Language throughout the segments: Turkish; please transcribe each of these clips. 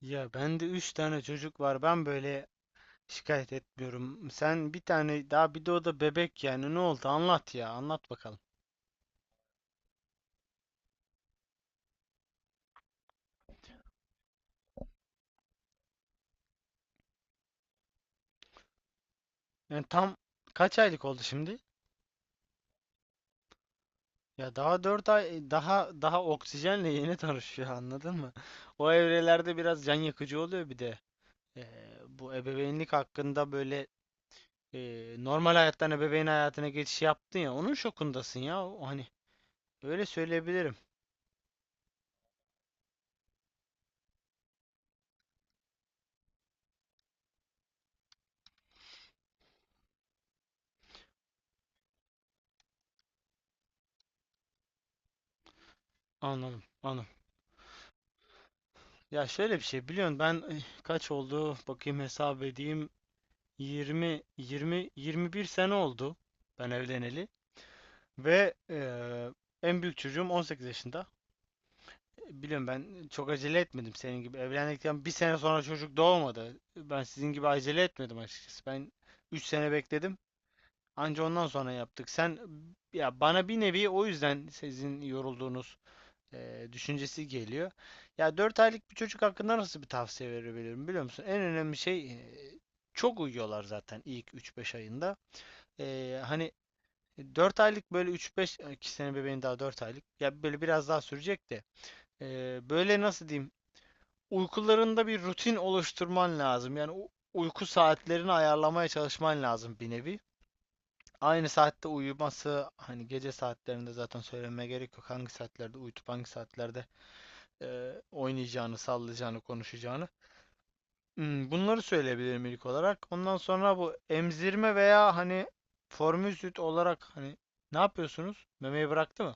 Ya bende 3 tane çocuk var. Ben böyle şikayet etmiyorum. Sen bir tane daha bir de o da bebek yani. Ne oldu? Anlat ya. Anlat bakalım. Yani tam kaç aylık oldu şimdi? Ya daha 4 ay daha oksijenle yeni tanışıyor anladın mı? O evrelerde biraz can yakıcı oluyor bir de. Ee, Bu ebeveynlik hakkında böyle e, normal hayattan ebeveyn hayatına geçiş yaptın ya, onun şokundasın ya. O, hani öyle söyleyebilirim. Anladım. Anladım. Ya şöyle bir şey biliyorsun, ben kaç oldu bakayım, hesap edeyim. 20 20 21 sene oldu ben evleneli ve en büyük çocuğum 18 yaşında. Biliyorum, ben çok acele etmedim, senin gibi evlendikten bir sene sonra çocuk doğmadı. Ben sizin gibi acele etmedim açıkçası. Ben 3 sene bekledim, anca ondan sonra yaptık. Sen, ya bana bir nevi o yüzden sizin yorulduğunuz düşüncesi geliyor. Ya 4 aylık bir çocuk hakkında nasıl bir tavsiye verebilirim, biliyor musun? En önemli şey, çok uyuyorlar zaten ilk üç beş ayında. Hani 4 aylık böyle üç beş iki ki, bebeğin daha 4 aylık. Ya böyle biraz daha sürecek de, böyle nasıl diyeyim, uykularında bir rutin oluşturman lazım. Yani uyku saatlerini ayarlamaya çalışman lazım bir nevi. Aynı saatte uyuması, hani gece saatlerinde zaten söylemeye gerek yok. Hangi saatlerde uyutup hangi saatlerde oynayacağını, sallayacağını, konuşacağını. Hmm, bunları söyleyebilirim ilk olarak. Ondan sonra bu emzirme veya hani formül süt olarak hani ne yapıyorsunuz? Memeyi bıraktı mı?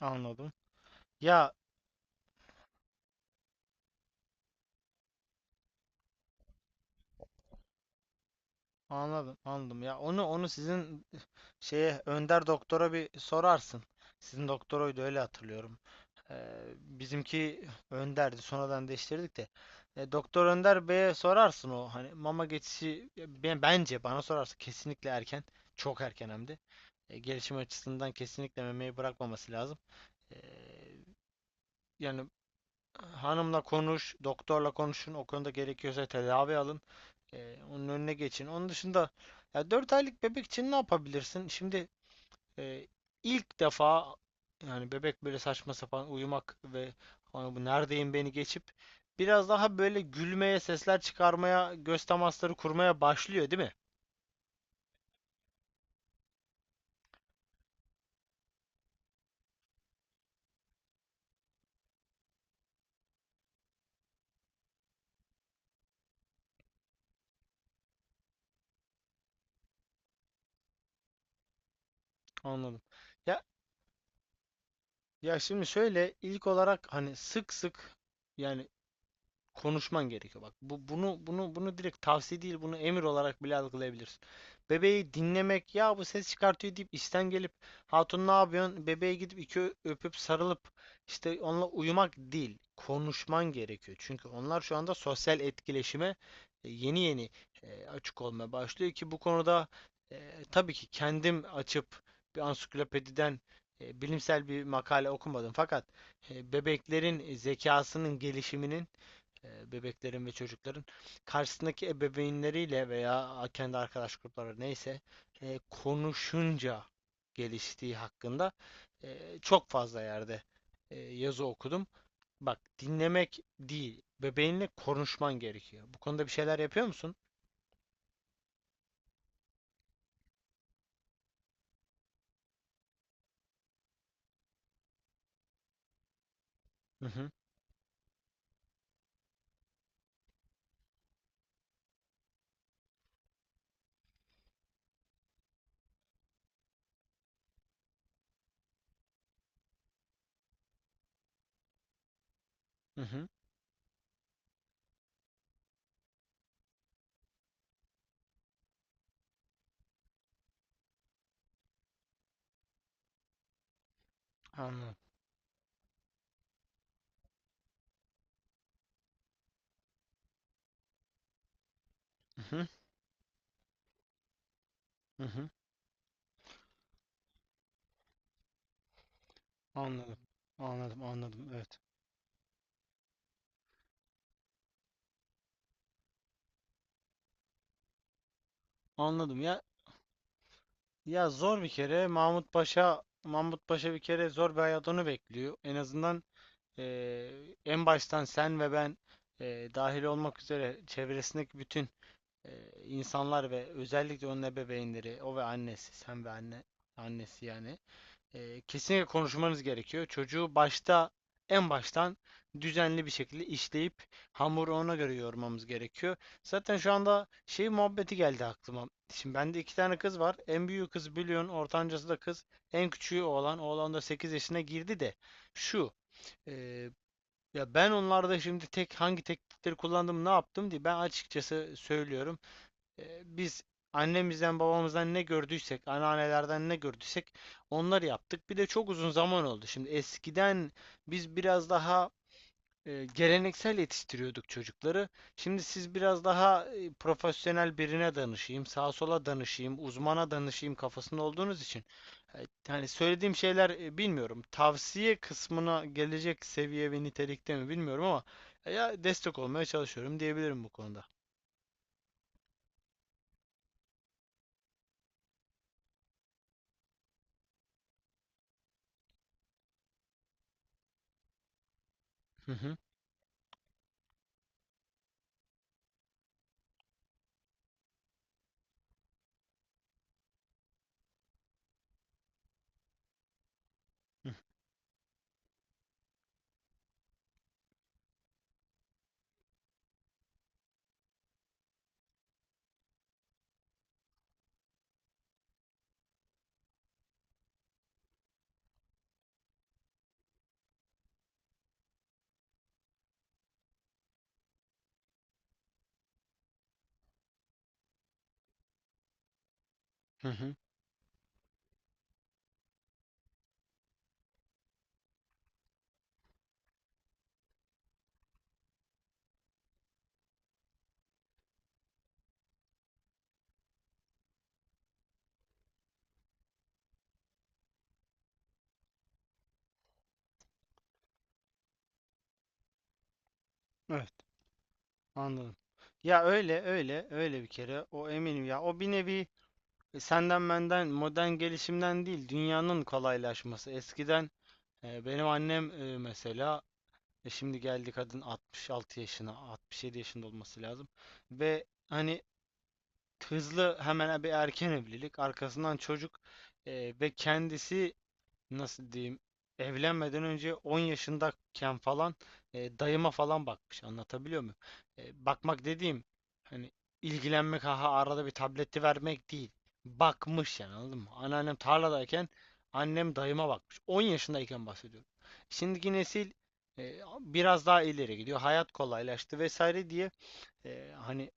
Anladım. Ya anladım, anladım. Ya onu sizin şeye, Önder doktora bir sorarsın. Sizin doktoruydu öyle hatırlıyorum. Bizimki Önder'di. Sonradan değiştirdik de. Doktor Önder Bey'e sorarsın. O hani mama geçişi, ben, bence bana sorarsa kesinlikle erken. Çok erken hem de. Gelişim açısından kesinlikle memeyi bırakmaması lazım. E, Yani hanımla konuş, doktorla konuşun. O konuda gerekiyorsa tedavi alın. Onun önüne geçin. Onun dışında, ya 4 aylık bebek için ne yapabilirsin? Şimdi ee, ilk defa, yani bebek böyle saçma sapan uyumak ve "Ana bu neredeyim" beni geçip biraz daha böyle gülmeye, sesler çıkarmaya, göz temasları kurmaya başlıyor, değil mi? Anladım. Ya ya şimdi şöyle, ilk olarak hani sık sık yani konuşman gerekiyor. Bak, bu bunu bunu bunu direkt tavsiye değil, bunu emir olarak bile algılayabilirsin. Bebeği dinlemek, ya bu ses çıkartıyor deyip işten gelip, hatun ne yapıyorsun? Bebeğe gidip iki öpüp sarılıp işte onunla uyumak değil. Konuşman gerekiyor. Çünkü onlar şu anda sosyal etkileşime yeni yeni açık olmaya başlıyor. Ki bu konuda, e, tabii ki kendim açıp bir ansiklopediden bilimsel bir makale okumadım fakat bebeklerin zekasının gelişiminin, bebeklerin ve çocukların karşısındaki ebeveynleriyle veya kendi arkadaş grupları neyse konuşunca geliştiği hakkında, çok fazla yerde yazı okudum. Bak, dinlemek değil, bebeğinle konuşman gerekiyor. Bu konuda bir şeyler yapıyor musun? Hı hı, hı hı, anladım. Hı hı, hı hı, anladım. Anladım, anladım. Evet. Anladım ya. Ya zor bir kere. Mahmut Paşa Mahmut Paşa, bir kere zor bir hayat onu bekliyor. En azından, e, en baştan sen ve ben dahil olmak üzere çevresindeki bütün insanlar ve özellikle onun ebeveynleri, o ve annesi, sen ve anne, annesi yani, kesinlikle konuşmanız gerekiyor. Çocuğu başta, en baştan düzenli bir şekilde işleyip hamuru ona göre yoğurmamız gerekiyor. Zaten şu anda şey muhabbeti geldi aklıma. Şimdi bende iki tane kız var. En büyüğü kız biliyorsun, ortancası da kız. En küçüğü oğlan. Oğlan da 8 yaşına girdi de, şu, e, ya ben onlarda şimdi tek hangi teknikleri kullandım, ne yaptım diye ben açıkçası söylüyorum. Biz annemizden babamızdan ne gördüysek, anneannelerden ne gördüysek onları yaptık. Bir de çok uzun zaman oldu. Şimdi eskiden biz biraz daha geleneksel yetiştiriyorduk çocukları. Şimdi siz biraz daha profesyonel birine danışayım, sağa sola danışayım, uzmana danışayım kafasında olduğunuz için. Yani söylediğim şeyler, bilmiyorum, tavsiye kısmına gelecek seviye ve nitelikte mi bilmiyorum, ama ya destek olmaya çalışıyorum diyebilirim bu konuda. Hı hı. Hı hı. Hı. Evet, anladım. Ya öyle öyle öyle, bir kere o eminim ya, o bir nevi senden benden modern gelişimden değil, dünyanın kolaylaşması eskiden. Benim annem mesela, şimdi geldi kadın 66 yaşına, 67 yaşında olması lazım. Ve hani hızlı hemen bir erken evlilik, arkasından çocuk, ve kendisi, nasıl diyeyim, evlenmeden önce 10 yaşındayken falan dayıma falan bakmış, anlatabiliyor muyum? Bakmak dediğim, hani ilgilenmek, ha arada bir tableti vermek değil. Bakmış yani, anladın mı? Anneannem tarladayken annem dayıma bakmış. 10 yaşındayken bahsediyorum. Şimdiki nesil biraz daha ileri gidiyor. Hayat kolaylaştı vesaire diye, hani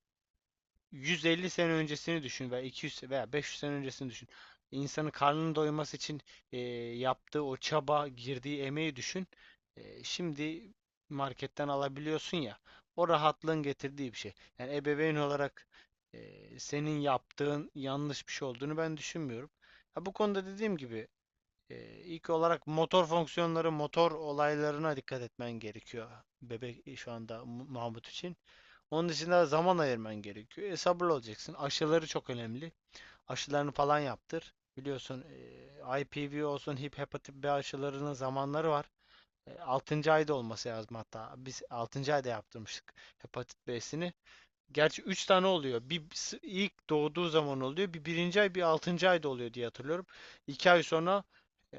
150 sene öncesini düşün, veya 200 veya 500 sene öncesini düşün. İnsanın karnının doyması için e, yaptığı o çaba, girdiği emeği düşün. Şimdi marketten alabiliyorsun ya. O rahatlığın getirdiği bir şey. Yani ebeveyn olarak senin yaptığın yanlış bir şey olduğunu ben düşünmüyorum. Ha, bu konuda dediğim gibi, ilk olarak motor fonksiyonları, motor olaylarına dikkat etmen gerekiyor. Bebek şu anda Mahmut için. Onun için de zaman ayırman gerekiyor. Sabırlı olacaksın. Aşıları çok önemli. Aşılarını falan yaptır. Biliyorsun IPV olsun, hepatit B aşılarının zamanları var. 6. ayda olması lazım hatta. Biz 6. ayda yaptırmıştık hepatit B'sini. Gerçi 3 tane oluyor. Bir ilk doğduğu zaman oluyor, bir birinci ay, bir 6. ayda oluyor diye hatırlıyorum. 2 ay sonra, e,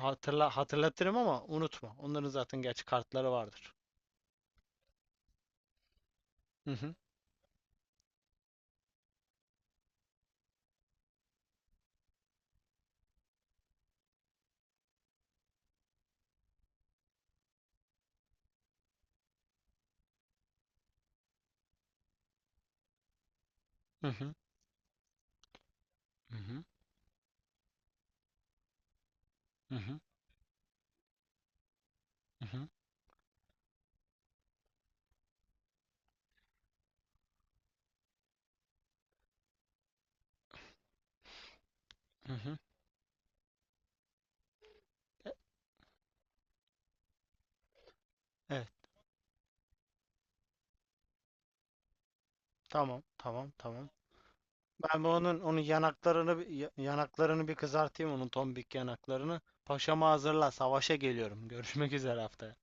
hatırlatırım, ama unutma. Onların zaten gerçi kartları vardır. Hı hı. Hı hı. Hı hı. Hı hı. Hı hı. E- Evet. Tamam. Tamam. Tamam. Ben bu onun yanaklarını bir kızartayım, onun tombik yanaklarını. Paşama hazırla. Savaşa geliyorum. Görüşmek üzere haftaya.